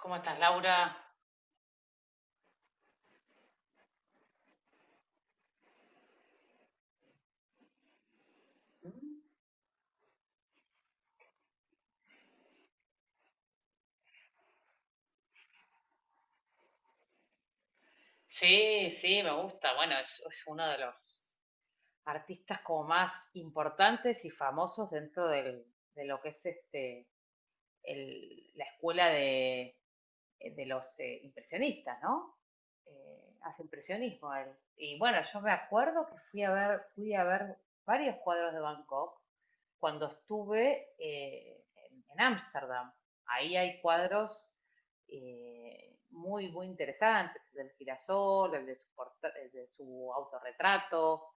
¿Cómo estás, Laura? Sí, sí, me gusta. Bueno, es uno de los artistas como más importantes y famosos dentro de lo que es la escuela de los impresionistas, ¿no? Hace impresionismo él. Y bueno, yo me acuerdo que fui a ver varios cuadros de Bangkok cuando estuve en Ámsterdam. Ahí hay cuadros muy, muy interesantes, del girasol, el de su autorretrato,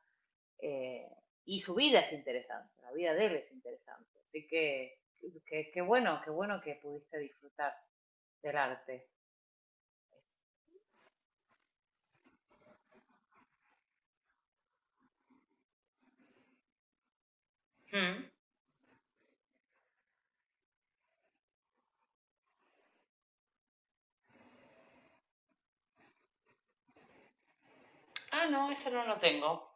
eh, y su vida es interesante, la vida de él es interesante. Así que qué bueno que pudiste disfrutar del arte. Hmm. Ah, no, eso no lo tengo.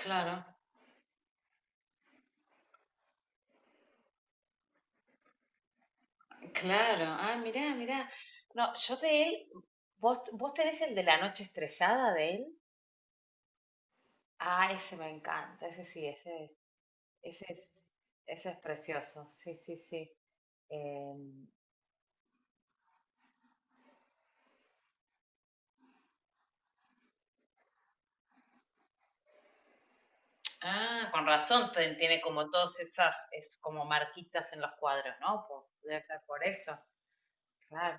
Claro, claro. Ah, mirá, mirá. No, yo de él, ¿vos tenés el de la noche estrellada de él? Ah, ese me encanta, ese sí, ese es, ese es precioso, sí, sí, sí. Em, ah, con razón, tiene como todas esas, es como marquitas en los cuadros, ¿no? Debe ser por eso, claro.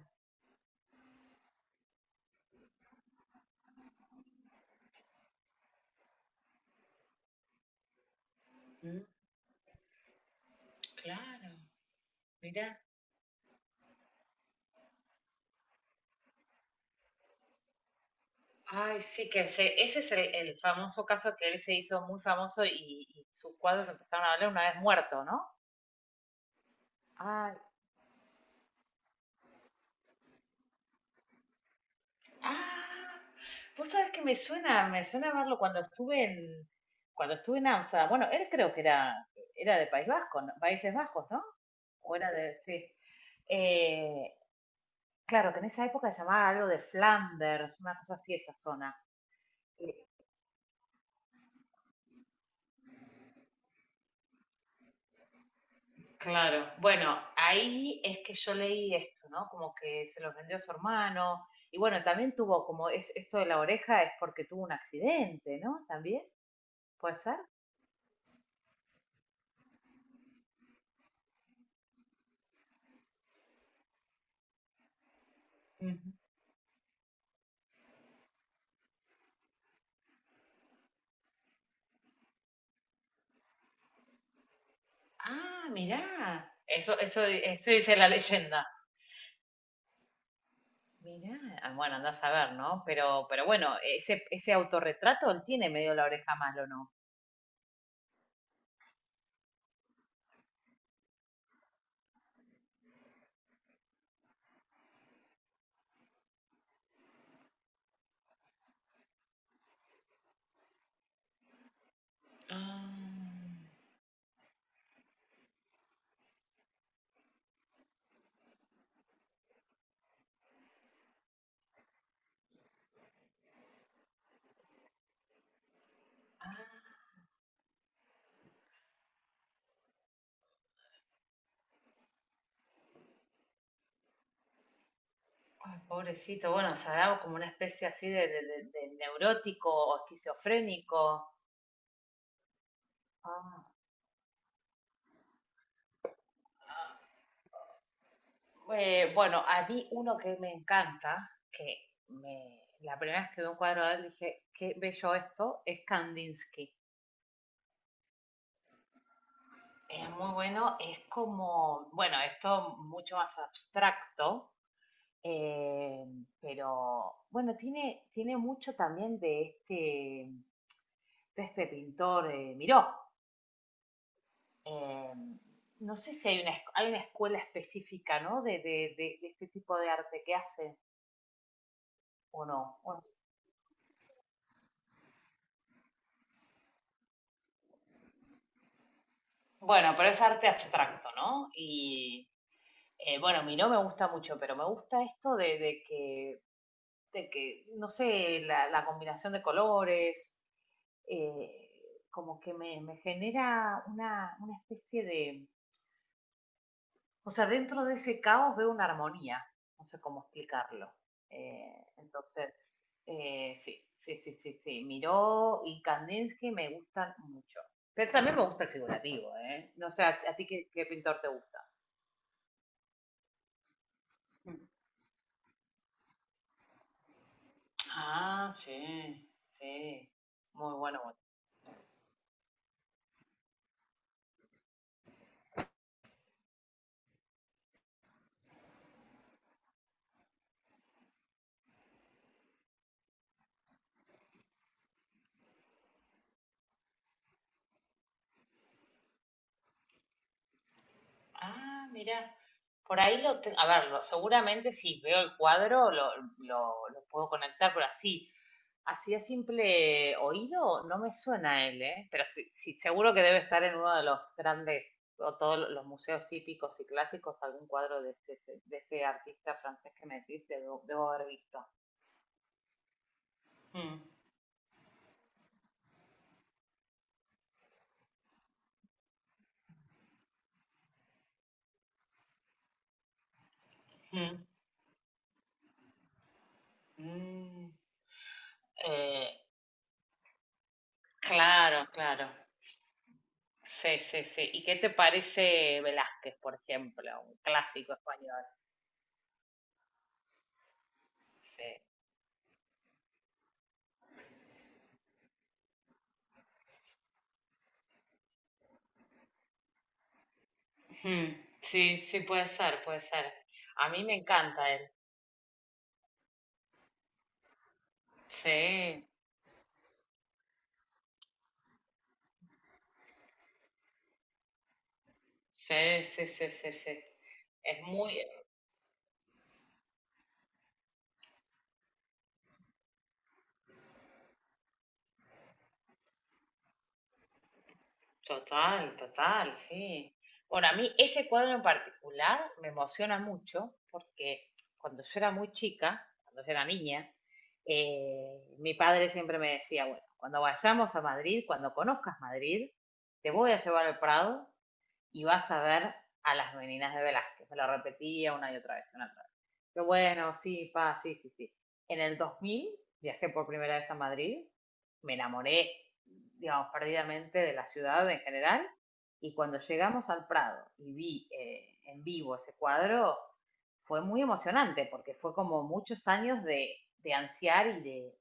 Mm, claro, mira. Ay, sí, que ese es el famoso caso que él se hizo muy famoso y sus cuadros empezaron a valer una vez muerto, ¿no? Ah, vos sabés que me suena verlo cuando estuve en Amsterdam. Bueno, él creo que era de País Vasco, ¿no? Países Bajos, ¿no? O era de, sí. Eh, claro, que en esa época se llamaba algo de Flanders, una cosa así, esa zona. Claro, bueno, ahí es que yo leí esto, ¿no? Como que se los vendió a su hermano. Y bueno, también tuvo como es, esto de la oreja es porque tuvo un accidente, ¿no? También, ¿puede ser? Ah, mirá. Eso dice la leyenda. Mirá, ah, bueno, andás a ver, ¿no? Pero bueno, ese autorretrato él tiene medio la oreja mal, ¿o no? Ah, ah, ay, pobrecito. Bueno, será como una especie así de, de neurótico o esquizofrénico. Ah. Bueno, a mí uno que me encanta, la primera vez que vi un cuadro de él dije, qué bello esto, es Kandinsky. Es muy bueno, es como, bueno, esto mucho más abstracto, eh, pero bueno, tiene mucho también de este pintor Miró. Eh, no sé si hay hay una escuela específica, ¿no? De este tipo de arte que hace o no. O no sé. Bueno, pero es arte abstracto, ¿no? Y bueno, Miró me gusta mucho, pero me gusta esto de que, no sé, la combinación de colores, como que me genera una especie de, o sea, dentro de ese caos veo una armonía, no sé cómo explicarlo. Entonces, sí, sí, sí, sí, sí, Miró y Kandinsky me gustan mucho. Pero también me gusta el figurativo, ¿eh? No sé, ¿a ti qué pintor te gusta? Ah, sí, sí, muy bueno, bueno. Ah, mira, por ahí lo tengo, a ver, seguramente si veo el cuadro lo puedo conectar, pero así a simple oído no me suena él, ¿eh? Pero sí, sí, seguro que debe estar en uno de los grandes, o todos los museos típicos y clásicos, algún cuadro de este artista francés que me decís, debo haber visto. Mm, mm, mm. Eh, claro, claro. Sí, sí, sí. ¿Y qué te parece Velázquez, por ejemplo, un clásico español? Sí. Ujú. Sí, sí, puede ser, puede ser. A mí me encanta él. Sí, sí, sí, sí, sí, sí. Es muy total, total, sí. Bueno, a mí ese cuadro en particular me emociona mucho porque cuando yo era muy chica, cuando yo era niña, mi padre siempre me decía, bueno, cuando vayamos a Madrid, cuando conozcas Madrid, te voy a llevar al Prado y vas a ver a las meninas de Velázquez. Me lo repetía una y otra vez, una y otra vez. Yo, bueno, sí, sí, sí, sí. En el 2000 viajé por primera vez a Madrid, me enamoré, digamos, perdidamente de la ciudad en general, y cuando llegamos al Prado y vi en vivo ese cuadro, fue muy emocionante, porque fue como muchos años de ansiar y de,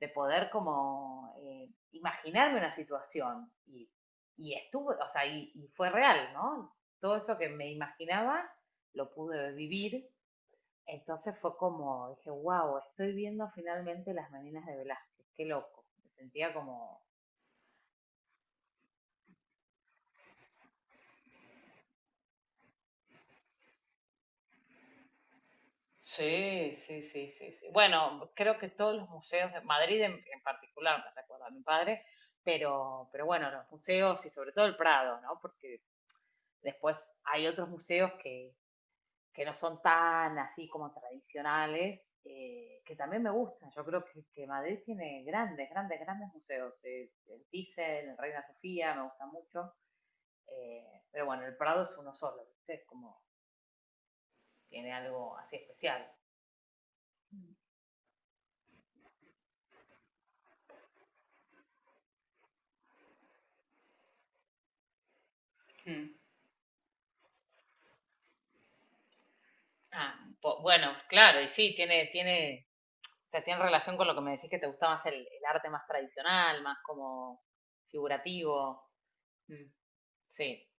de poder como imaginarme una situación. Y estuvo, o sea, y fue real, ¿no? Todo eso que me imaginaba lo pude vivir. Entonces fue como, dije, wow, estoy viendo finalmente las meninas de Velázquez, qué loco. Me sentía como. Sí, sí, sí, sí, sí. Bueno, creo que todos los museos de Madrid en particular, me recuerda a mi padre, pero bueno, los museos y sobre todo el Prado, ¿no? Porque después hay otros museos que no son tan así como tradicionales, que también me gustan. Yo creo que Madrid tiene grandes, grandes, grandes museos. El Thyssen, el Reina Sofía, me gusta mucho. Pero bueno, el Prado es uno solo, ¿viste? Es como tiene algo así especial. Mm. Ah, bueno, claro, y sí, o sea, tiene relación con lo que me decís que te gusta más el arte más tradicional, más como figurativo. Mm. Sí,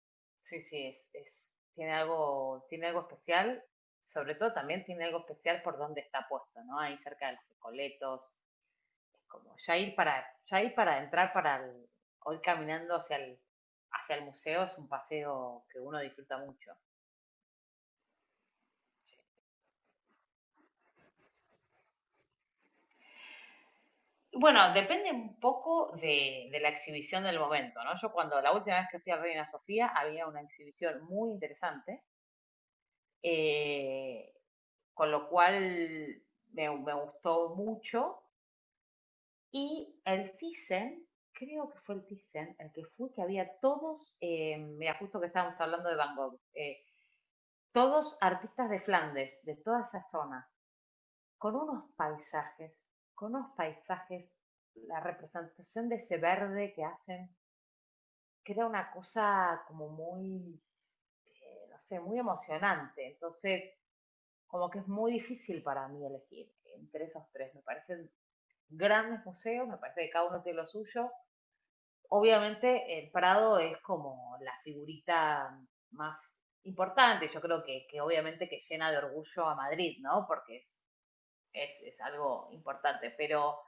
sí, sí, tiene algo especial, sobre todo también tiene algo especial por donde está puesto, ¿no? Ahí cerca de los Recoletos, es como ya ir para entrar o ir caminando hacia el museo es un paseo que uno disfruta mucho. Y bueno, depende un poco de la exhibición del momento, ¿no? Yo cuando la última vez que fui a Reina Sofía había una exhibición muy interesante, eh, con lo cual me gustó mucho. Y el Thyssen, creo que fue el Thyssen, el que fue, que había todos, mira, justo que estábamos hablando de Van Gogh, todos artistas de Flandes, de toda esa zona, con unos paisajes, con unos paisajes, la representación de ese verde que hacen, que era una cosa como muy, no sé, muy emocionante. Entonces, como que es muy difícil para mí elegir entre esos tres. Me parecen grandes museos, me parece que cada uno tiene lo suyo. Obviamente el Prado es como la figurita más importante, yo creo que obviamente que llena de orgullo a Madrid, ¿no? Porque es, es algo importante, pero,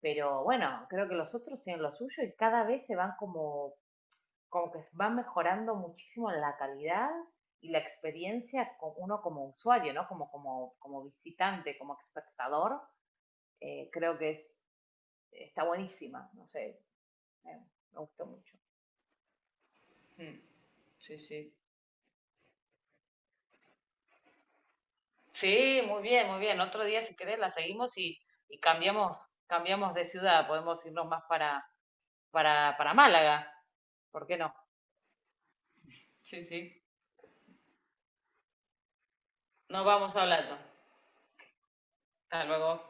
pero bueno, creo que los otros tienen lo suyo y cada vez se van como que van mejorando muchísimo en la calidad y la experiencia con uno como usuario, ¿no? Como visitante, como espectador, creo que está buenísima, no sé, eh, me gustó mucho. Mm, sí, sí. Sí, muy bien, muy bien. Otro día, si querés, la seguimos y, y cambiamos de ciudad. Podemos irnos más para, para Málaga. ¿Por qué no? Sí, sí. Nos vamos hablando. Hasta luego.